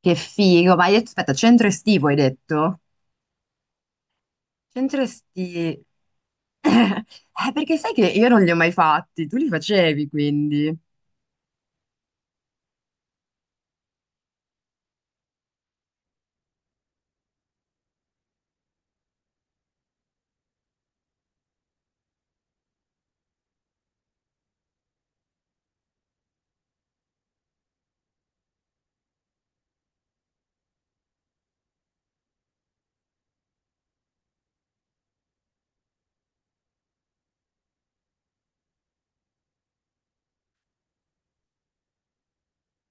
Che figo, ma hai detto, aspetta, centro estivo hai detto? Centro estivo. Perché sai che io non li ho mai fatti, tu li facevi quindi.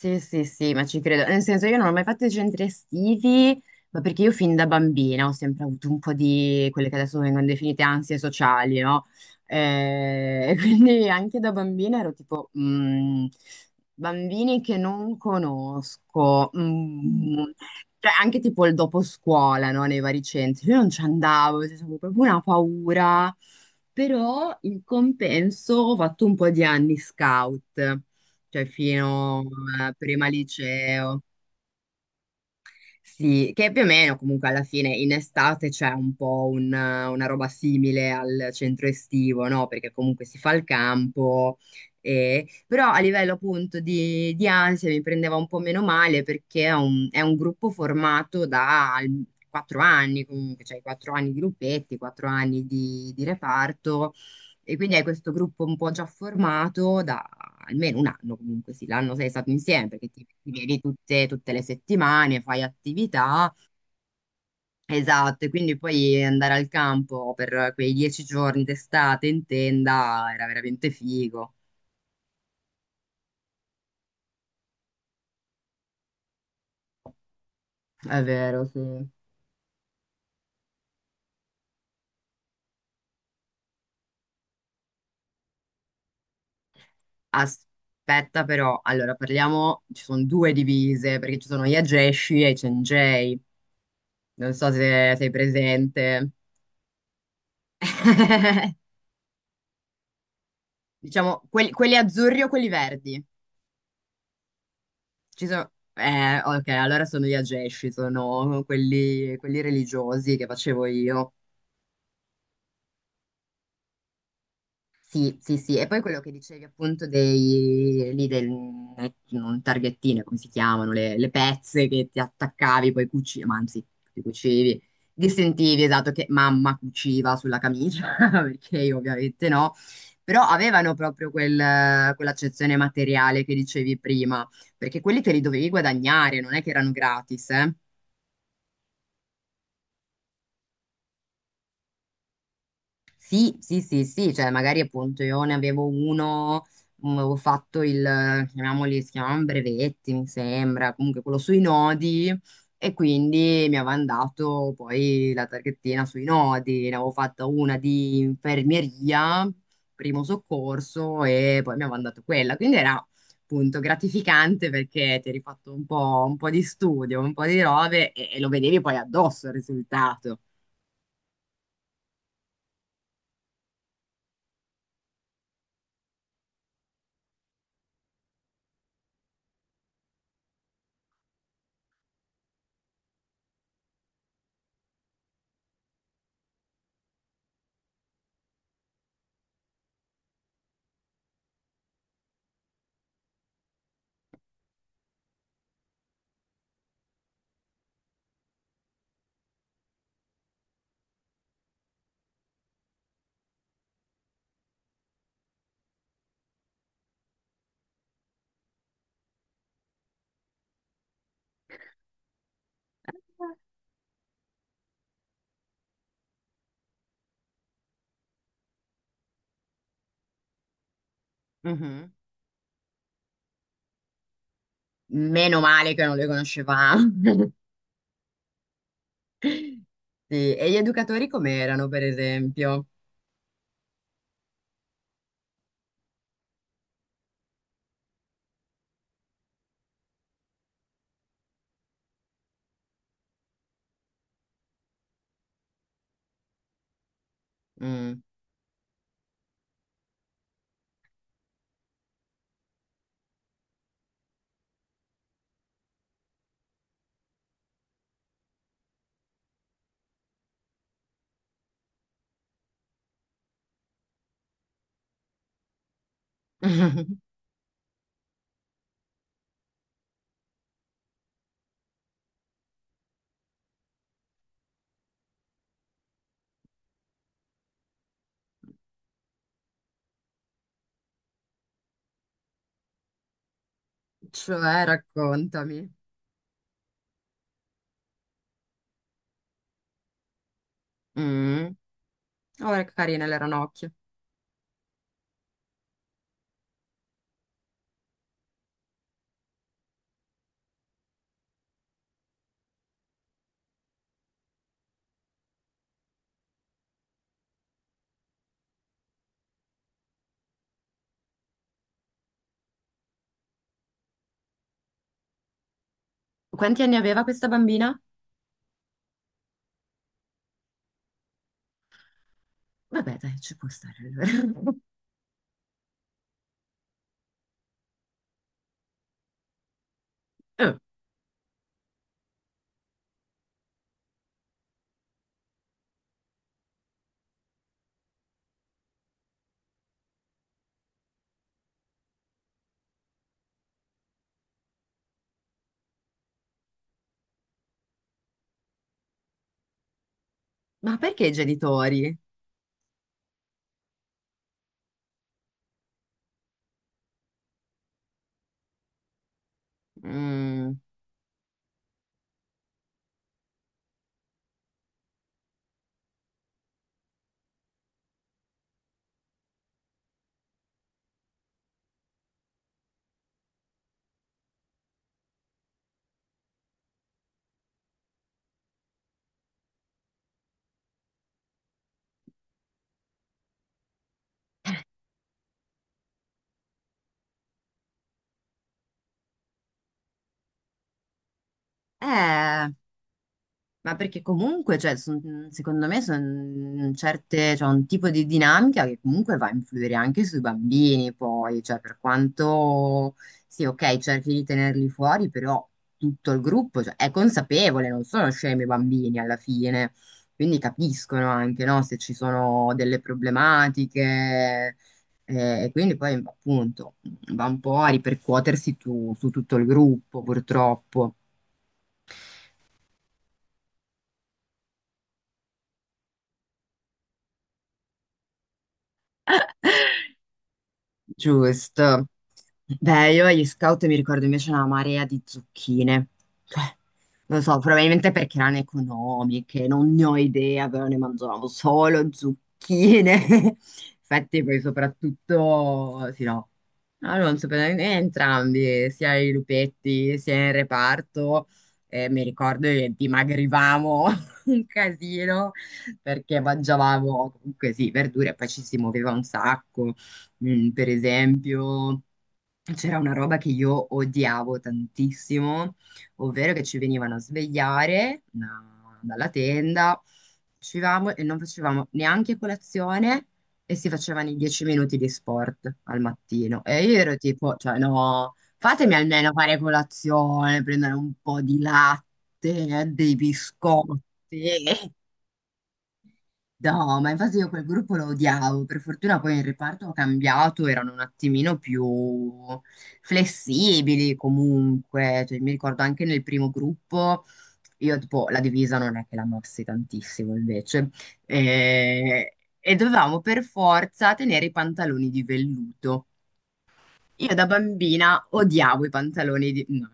Sì, sì, sì, ma ci credo. Nel senso, io non ho mai fatto i centri estivi, ma perché io fin da bambina ho sempre avuto un po' di quelle che adesso vengono definite ansie sociali, no? Quindi anche da bambina ero tipo, bambini che non conosco, cioè anche tipo il dopo scuola, no? Nei vari centri. Io non ci andavo, cioè, avevo proprio una paura, però in compenso ho fatto un po' di anni scout, cioè fino a prima liceo. Sì, che più o meno comunque alla fine in estate c'è un po' una roba simile al centro estivo, no? Perché comunque si fa il campo, però a livello appunto di ansia mi prendeva un po' meno male perché è un gruppo formato da 4 anni comunque, cioè 4 anni di gruppetti, 4 anni di reparto. E quindi hai questo gruppo un po' già formato da almeno un anno, comunque sì, l'anno sei stato insieme perché ti vedi tutte le settimane, fai attività, esatto, e quindi poi andare al campo per quei 10 giorni d'estate in tenda era veramente figo. È vero, sì. Aspetta però, allora parliamo, ci sono due divise perché ci sono gli Ageshi e i Cengei, non so se sei presente. Diciamo quelli azzurri o quelli verdi. Ci sono... ok, allora sono gli ageshi, sono quelli religiosi che facevo io. Sì, sì, sì. E poi quello che dicevi appunto dei... lì del... non targhettine, come si chiamano, le pezze che ti attaccavi, poi cucivi, ma anzi, ti cucivi. Ti sentivi, esatto, che mamma cuciva sulla camicia, perché io ovviamente no. Però avevano proprio quell'accezione materiale che dicevi prima, perché quelli te li dovevi guadagnare, non è che erano gratis, eh. Sì, sì, sì, sì, cioè magari appunto io ne avevo uno, avevo fatto chiamiamoli, si chiamavano brevetti, mi sembra, comunque quello sui nodi e quindi mi avevano dato poi la targhettina sui nodi, ne avevo fatta una di infermieria, primo soccorso e poi mi avevano dato quella, quindi era appunto gratificante perché ti eri fatto un po' di studio, un po' di robe e lo vedevi poi addosso il risultato. Mhm. Meno male che non le conoscevamo. Sì, e gli educatori com'erano, per esempio? Mm. Cioè, raccontami. Mm. Oh, che carine le ranocchie. Quanti anni aveva questa bambina? Vabbè, dai, ci può stare allora. Eh, ma perché i genitori? Mm. Eh. Ma perché comunque, cioè, secondo me, sono certe, cioè, un tipo di dinamica che comunque va a influire anche sui bambini, poi, cioè, per quanto, sì, ok, cerchi di tenerli fuori, però tutto il gruppo, cioè, è consapevole, non sono scemi i bambini alla fine, quindi capiscono anche, no, se ci sono delle problematiche, e quindi poi, appunto, va un po' a ripercuotersi su tutto il gruppo, purtroppo. Giusto. Beh, io agli scout mi ricordo invece una marea di zucchine. Cioè, non so, probabilmente perché erano economiche, non ne ho idea, però ne mangiavamo solo zucchine. Infatti poi soprattutto, sì no, no, non so, entrambi, sia i lupetti sia il reparto, mi ricordo che dimagrivamo un casino perché mangiavamo comunque sì, verdure e poi ci si muoveva un sacco. Mm, per esempio, c'era una roba che io odiavo tantissimo, ovvero che ci venivano a svegliare dalla tenda, uscivamo e non facevamo neanche colazione e si facevano i 10 minuti di sport al mattino. E io ero tipo, cioè no, fatemi almeno fare colazione, prendere un po' di latte, dei biscotti. No, ma infatti io quel gruppo lo odiavo, per fortuna poi in reparto ho cambiato, erano un attimino più flessibili comunque, cioè, mi ricordo anche nel primo gruppo, io tipo la divisa non è che la mossi tantissimo invece, e dovevamo per forza tenere i pantaloni di velluto. Io da bambina odiavo i pantaloni di... no.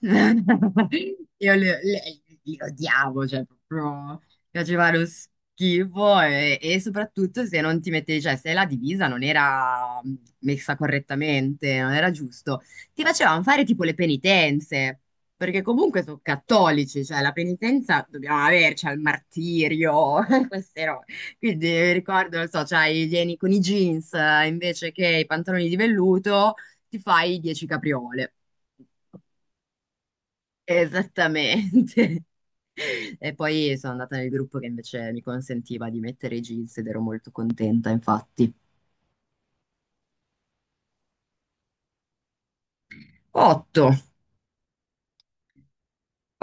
Io li odiavo, cioè proprio mi facevano schifo e soprattutto se non ti mettevi, cioè se la divisa non era messa correttamente, non era giusto, ti facevano fare tipo le penitenze, perché comunque sono cattolici, cioè la penitenza dobbiamo averci al martirio, queste robe. Quindi mi ricordo, non so, c'hai i vieni con i jeans invece che i pantaloni di velluto ti fai 10 capriole. Esattamente. E poi sono andata nel gruppo che invece mi consentiva di mettere i jeans ed ero molto contenta, infatti. 8.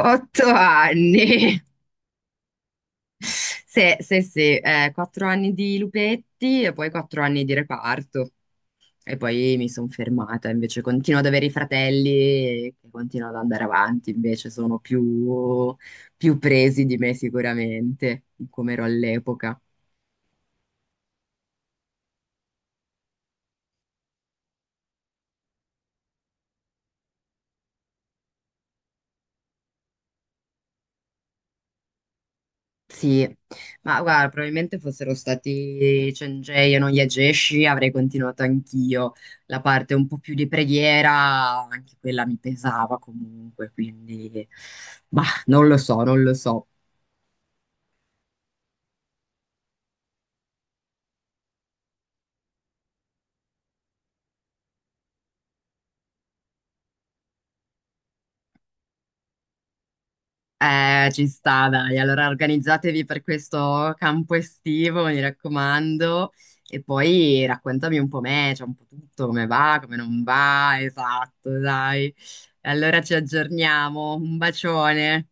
8 anni. Sì, sì, sì, 4 anni di lupetti e poi 4 anni di reparto. E poi mi sono fermata, invece continuo ad avere i fratelli che continuano ad andare avanti, invece sono più, più presi di me sicuramente, come ero all'epoca. Sì, ma guarda, probabilmente fossero stati Cengiei e non Yageshi, avrei continuato anch'io. La parte un po' più di preghiera, anche quella mi pesava comunque, quindi... Bah, non lo so, non lo so. Ci sta, dai. Allora organizzatevi per questo campo estivo, mi raccomando. E poi raccontami un po' me, cioè un po' tutto, come va, come non va, esatto, dai. Allora ci aggiorniamo. Un bacione.